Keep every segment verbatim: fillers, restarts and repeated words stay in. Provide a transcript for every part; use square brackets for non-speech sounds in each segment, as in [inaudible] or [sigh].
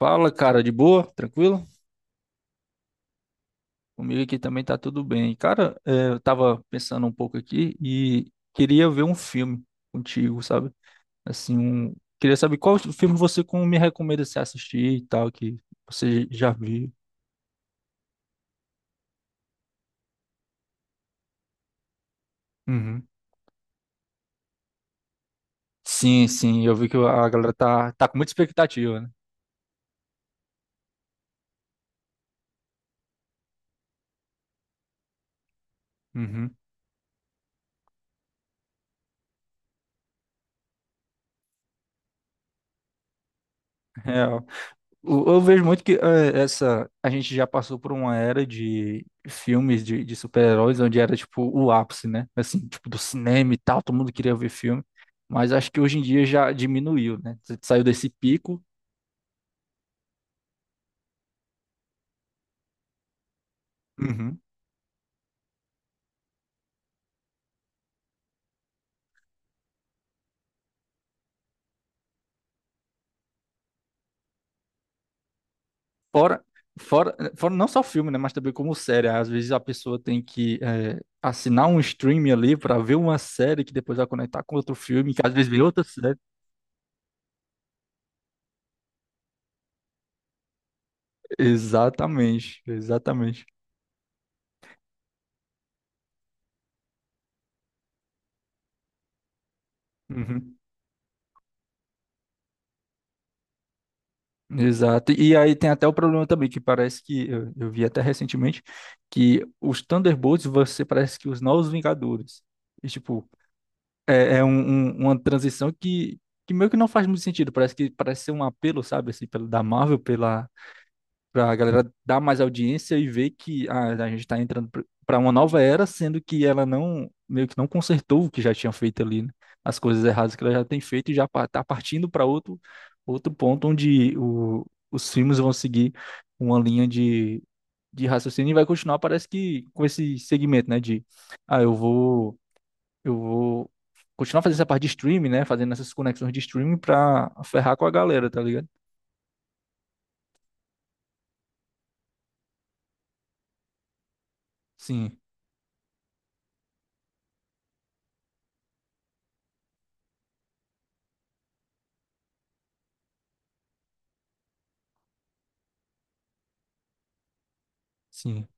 Fala, cara, de boa? Tranquilo? Comigo aqui também tá tudo bem. Cara, é, eu tava pensando um pouco aqui e queria ver um filme contigo, sabe? Assim, um... queria saber qual filme você com- me recomenda se assistir e tal, que você já viu. Uhum. Sim, sim, eu vi que a galera tá, tá com muita expectativa, né? Uhum. [laughs] Eu eu vejo muito que eh, essa a gente já passou por uma era de filmes de, de super-heróis onde era tipo o ápice, né? Assim, tipo do cinema e tal, todo mundo queria ver filme, mas acho que hoje em dia já diminuiu, né? Você saiu desse pico. Uhum. Fora, fora, fora não só filme, né? Mas também como série. Às vezes a pessoa tem que eh, assinar um streaming ali para ver uma série que depois vai conectar com outro filme, que às vezes vem outra série. Exatamente, exatamente. Uhum. Exato. E aí tem até o problema também, que parece que eu, eu vi até recentemente que os Thunderbolts você parece que os Novos Vingadores. E, tipo, é, é um- um- uma transição que, que meio que não faz muito sentido. Parece que parece ser um apelo, sabe, assim, pelo, da Marvel pela para a galera dar mais audiência e ver que ah, a gente está entrando para uma nova era, sendo que ela não, meio que não consertou o que já tinha feito ali, né? As coisas erradas que ela já tem feito e já está partindo para outro, outro ponto onde o, os filmes vão seguir uma linha de, de raciocínio e vai continuar, parece que com esse segmento, né? De, ah, eu vou, eu vou continuar fazendo essa parte de streaming, né? Fazendo essas conexões de streaming para ferrar com a galera, tá ligado? Sim, sim.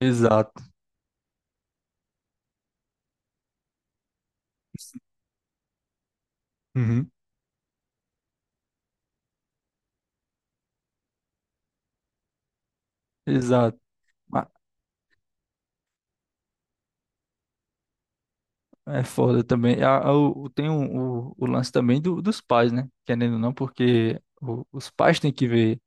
Exato. Uhum. Exato. Ah, é foda também. A- a- o, o- tem um- o, o lance também do, dos pais, né? Querendo ou não, porque o- os pais têm que ver.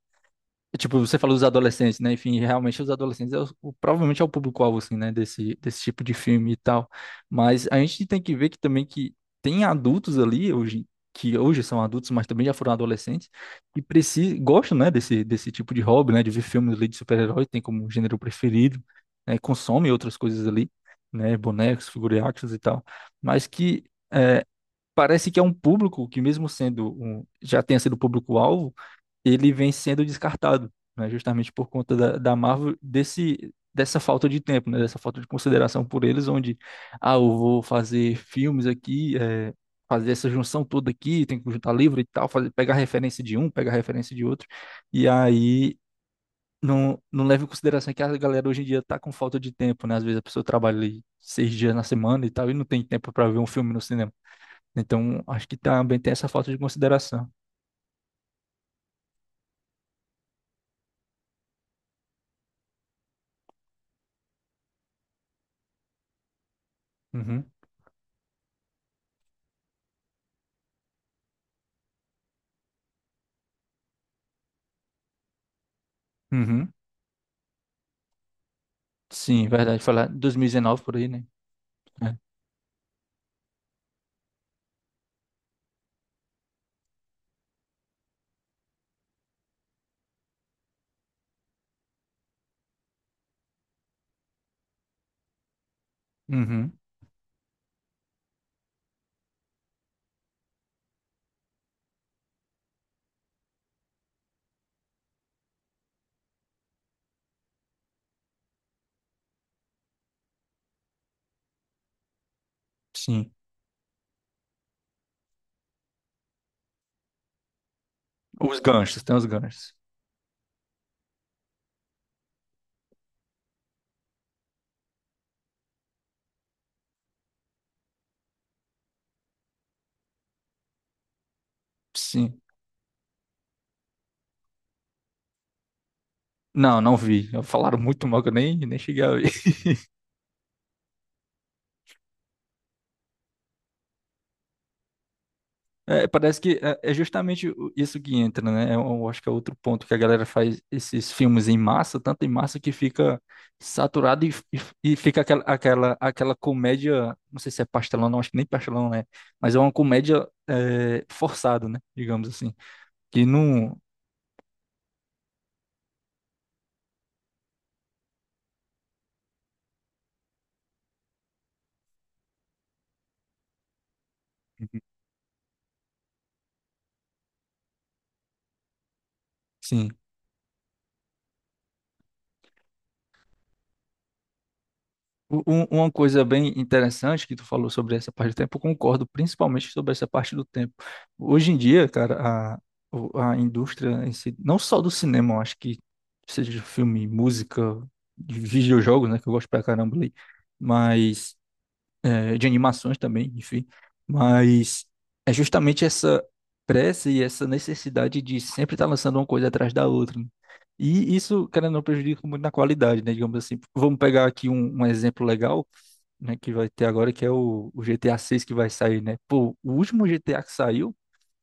Tipo, você falou dos adolescentes, né? Enfim, realmente os adolescentes é o, o- provavelmente é o público-alvo, assim, né? Desse, desse tipo de filme e tal. Mas a gente tem que ver que também que tem adultos ali hoje, que hoje são adultos, mas também já foram adolescentes, que precisam, gostam, né? Desse, desse tipo de hobby, né? De ver filmes ali de super-herói, tem como gênero preferido, né? Consomem outras coisas ali, né? Bonecos, figurinhas e tal. Mas que é, parece que é um público que mesmo sendo um, já tenha sido público-alvo, ele vem sendo descartado, né? Justamente por conta da, da Marvel desse dessa falta de tempo, né? Dessa falta de consideração por eles, onde ah, eu vou fazer filmes aqui, é, fazer essa junção toda aqui, tem que juntar livro e tal, fazer pegar referência de um, pegar referência de outro, e aí não, não leva em consideração que a galera hoje em dia tá com falta de tempo, né? Às vezes a pessoa trabalha ali seis dias na semana e tal, e não tem tempo para ver um filme no cinema. Então, acho que também tem essa falta de consideração. Uhum, uhum. Sim, verdade. Foi lá em dois mil e dezenove por aí, né? É. Uhum, sim. Os ganchos, tem os ganchos. Sim. Não, não vi. Falaram muito mal que eu nem, nem cheguei a ver. [laughs] É, parece que é é justamente o- isso que entra, né? Eu eu acho que é outro ponto que a galera faz esses filmes em massa, tanto em massa que fica saturado e, e, e fica aquela, aquela, aquela comédia. Não sei se é pastelão, não, acho que nem pastelão, né? Mas é uma comédia é, forçada, né? Digamos assim. Que não. Sim, U- um- Uma coisa bem interessante que tu falou sobre essa parte do tempo, eu concordo principalmente sobre essa parte do tempo. Hoje em dia, cara, a, o- a indústria em si, não só do cinema, eu acho que seja de filme, música, de videojogos, né, que eu gosto pra caramba ali, mas é, de animações também, enfim, mas é justamente essa pressa e essa necessidade de sempre estar lançando uma coisa atrás da outra, né? E isso, querendo ou não, prejudica muito na qualidade, né? Digamos assim, vamos pegar aqui um um exemplo legal, né, que vai ter agora, que é o, o G T A seis que vai sair, né? Pô, o último G T A que saiu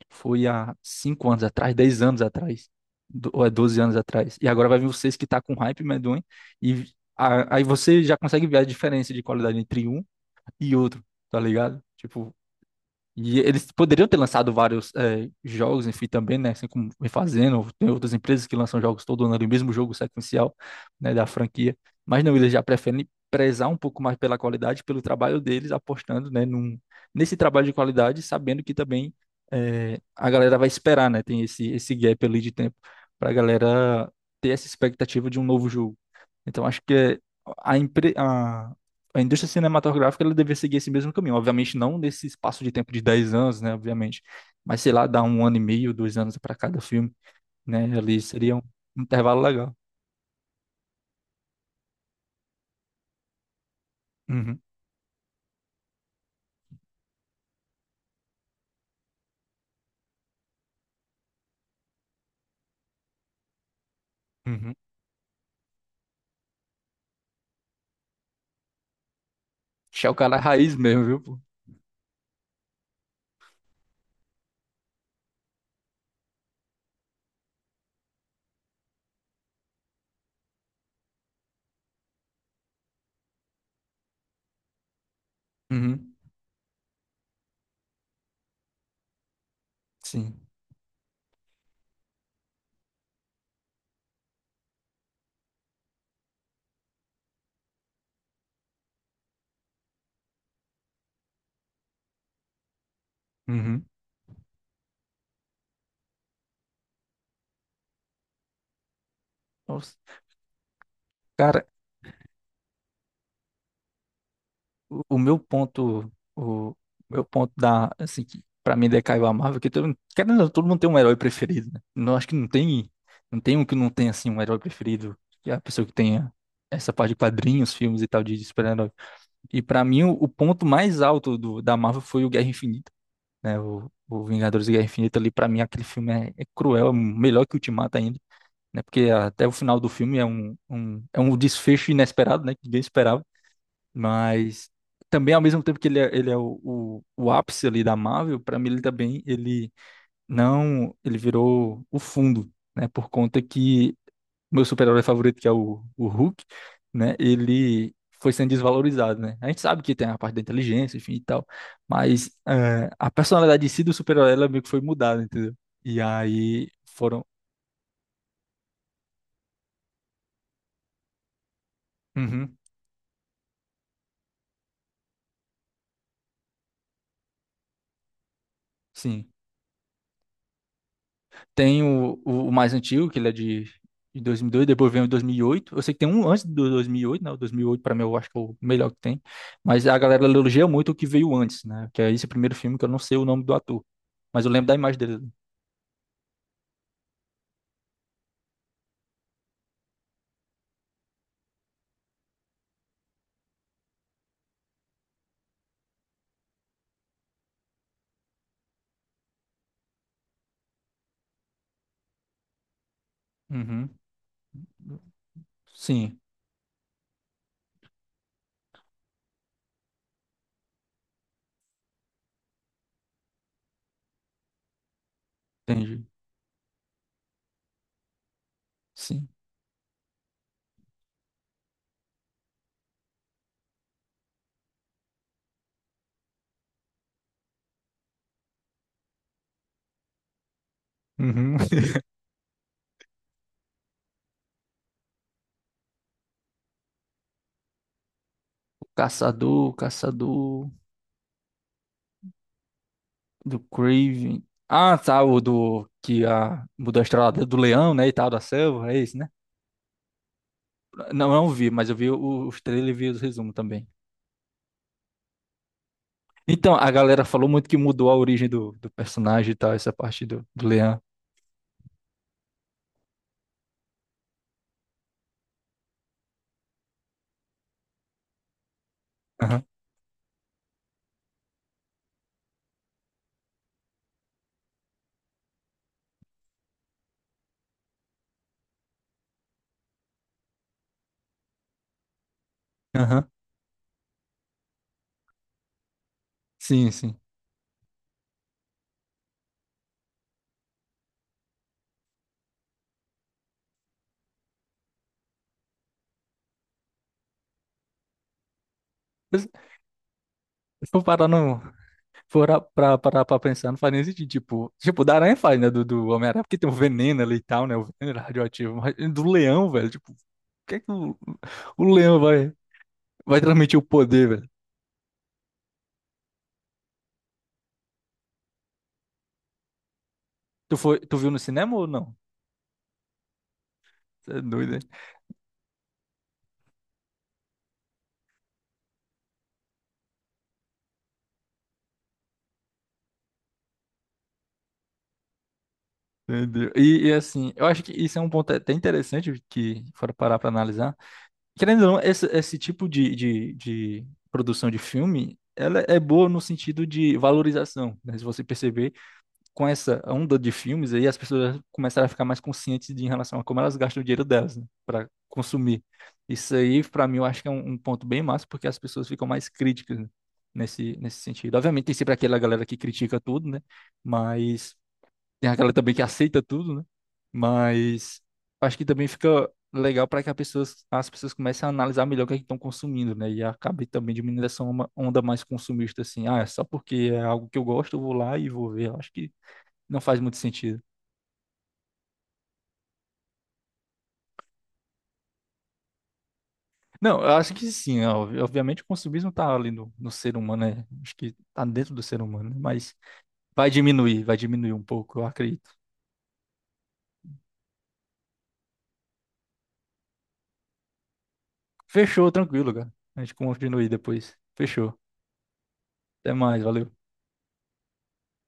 foi há cinco anos atrás, dez anos atrás, do- ou é doze anos atrás. E agora vai vir o seis que tá com hype medonho, e a- aí você já consegue ver a diferença de qualidade entre um e outro, tá ligado? Tipo, e eles poderiam ter lançado vários eh, jogos, enfim, também, né? Assim como vem fazendo. Tem outras empresas que lançam jogos todo ano o mesmo jogo sequencial, né, da franquia. Mas não, eles já preferem prezar um pouco mais pela qualidade, pelo trabalho deles, apostando, né, num, nesse trabalho de qualidade, sabendo que também eh, a galera vai esperar, né? Tem esse, esse gap ali de tempo para a galera ter essa expectativa de um novo jogo. Então acho que é- a, empre- a, a indústria cinematográfica ela deveria seguir esse mesmo caminho. Obviamente não nesse espaço de tempo de dez anos, né? Obviamente. Mas sei lá, dar um ano e meio, dois anos para cada filme, né? Ali seria um intervalo legal. Uhum, uhum. Achar o cara raiz mesmo, viu, pô? Uhum, sim. Uhum. Nossa. Cara, o o meu ponto, o meu ponto da, assim, que pra mim decaiu a Marvel, que todo, mundo- querendo, ou não, todo mundo tem um herói preferido, né? Não, acho que não tem, não tem um que não tem, assim, um herói preferido, que é a pessoa que tenha essa parte de quadrinhos, filmes e tal, de, de super-herói. E pra mim, o, o ponto mais alto do, da Marvel foi o Guerra Infinita, né? O, o Vingadores e Guerra Infinita ali, pra mim, aquele filme é, é cruel, é melhor que o Ultimato ainda. Né, porque até o final do filme é um, um, é um desfecho inesperado, né? Que ninguém esperava mas também, ao mesmo tempo que ele é, ele é o, o, o ápice ali da Marvel, para mim ele também, ele não, ele virou o fundo, né? Por conta que meu super-herói favorito, que é o, o Hulk, né? Ele foi sendo desvalorizado, né? A gente sabe que tem a parte da inteligência, enfim e tal, mas eh, a personalidade em si do super-herói, ela meio que foi mudada, entendeu? E aí foram... Uhum, sim. Tem o, o, o mais antigo, que ele é de, de dois mil e dois, depois vem o dois mil e oito. Eu sei que tem um antes do dois mil e oito, né? O dois mil e oito, para mim, eu acho que é o melhor que tem. Mas a galera elogia muito o que veio antes, né? Que é esse primeiro filme que eu não sei o nome do ator. Mas eu lembro da imagem dele. Uhum. Sim, entendi. Sim. Uhum. [laughs] Caçador, caçador do Craven. Ah, tá, o do que a mudou a estrela do leão, né, e tal, da selva, é esse, né? Não, eu não vi, mas eu vi o- os trailers e vi os resumos também. Então, a galera falou muito que mudou a origem do, do personagem e tal, essa parte do, do Leão. Aham, aham. Sim, sim. Mas Se for parar no, for a- pra, parar pra pensar, não faz nem sentido. Tipo, tipo, da aranha faz, né? Do, do Homem-Aranha, porque tem o veneno ali e tal, né? O veneno era radioativo. Mas do leão, velho, tipo, o que é que o, o leão vai, vai transmitir o poder, velho? Tu foi, tu viu no cinema ou não? Você é doido, hein? Entendeu? E, e assim, eu acho que isso é um ponto até interessante que, for parar pra analisar. Querendo ou não, esse, esse tipo de, de, de produção de filme, ela é boa no sentido de valorização, né? Se você perceber, com essa onda de filmes aí, as pessoas começaram a ficar mais conscientes de, em relação a como elas gastam o dinheiro delas, né? Para consumir. Isso aí, para mim, eu acho que é um, um ponto bem massa, porque as pessoas ficam mais críticas, né? Nesse, nesse sentido. Obviamente, tem sempre aquela galera que critica tudo, né? Mas tem aquela também que aceita tudo, né? Mas acho que também fica legal para que a pessoas, as pessoas comecem a analisar melhor o que é que estão consumindo, né? E acabe também diminuindo essa uma- onda mais consumista, assim. Ah, é só porque é algo que eu gosto, eu vou lá e vou ver. Eu acho que não faz muito sentido. Não, eu acho que sim, ó, obviamente o consumismo tá ali no, no ser humano, né? Acho que tá dentro do ser humano, né? Mas vai diminuir, vai diminuir um pouco, eu acredito. Fechou, tranquilo, cara. A gente continua aí depois. Fechou. Até mais, valeu.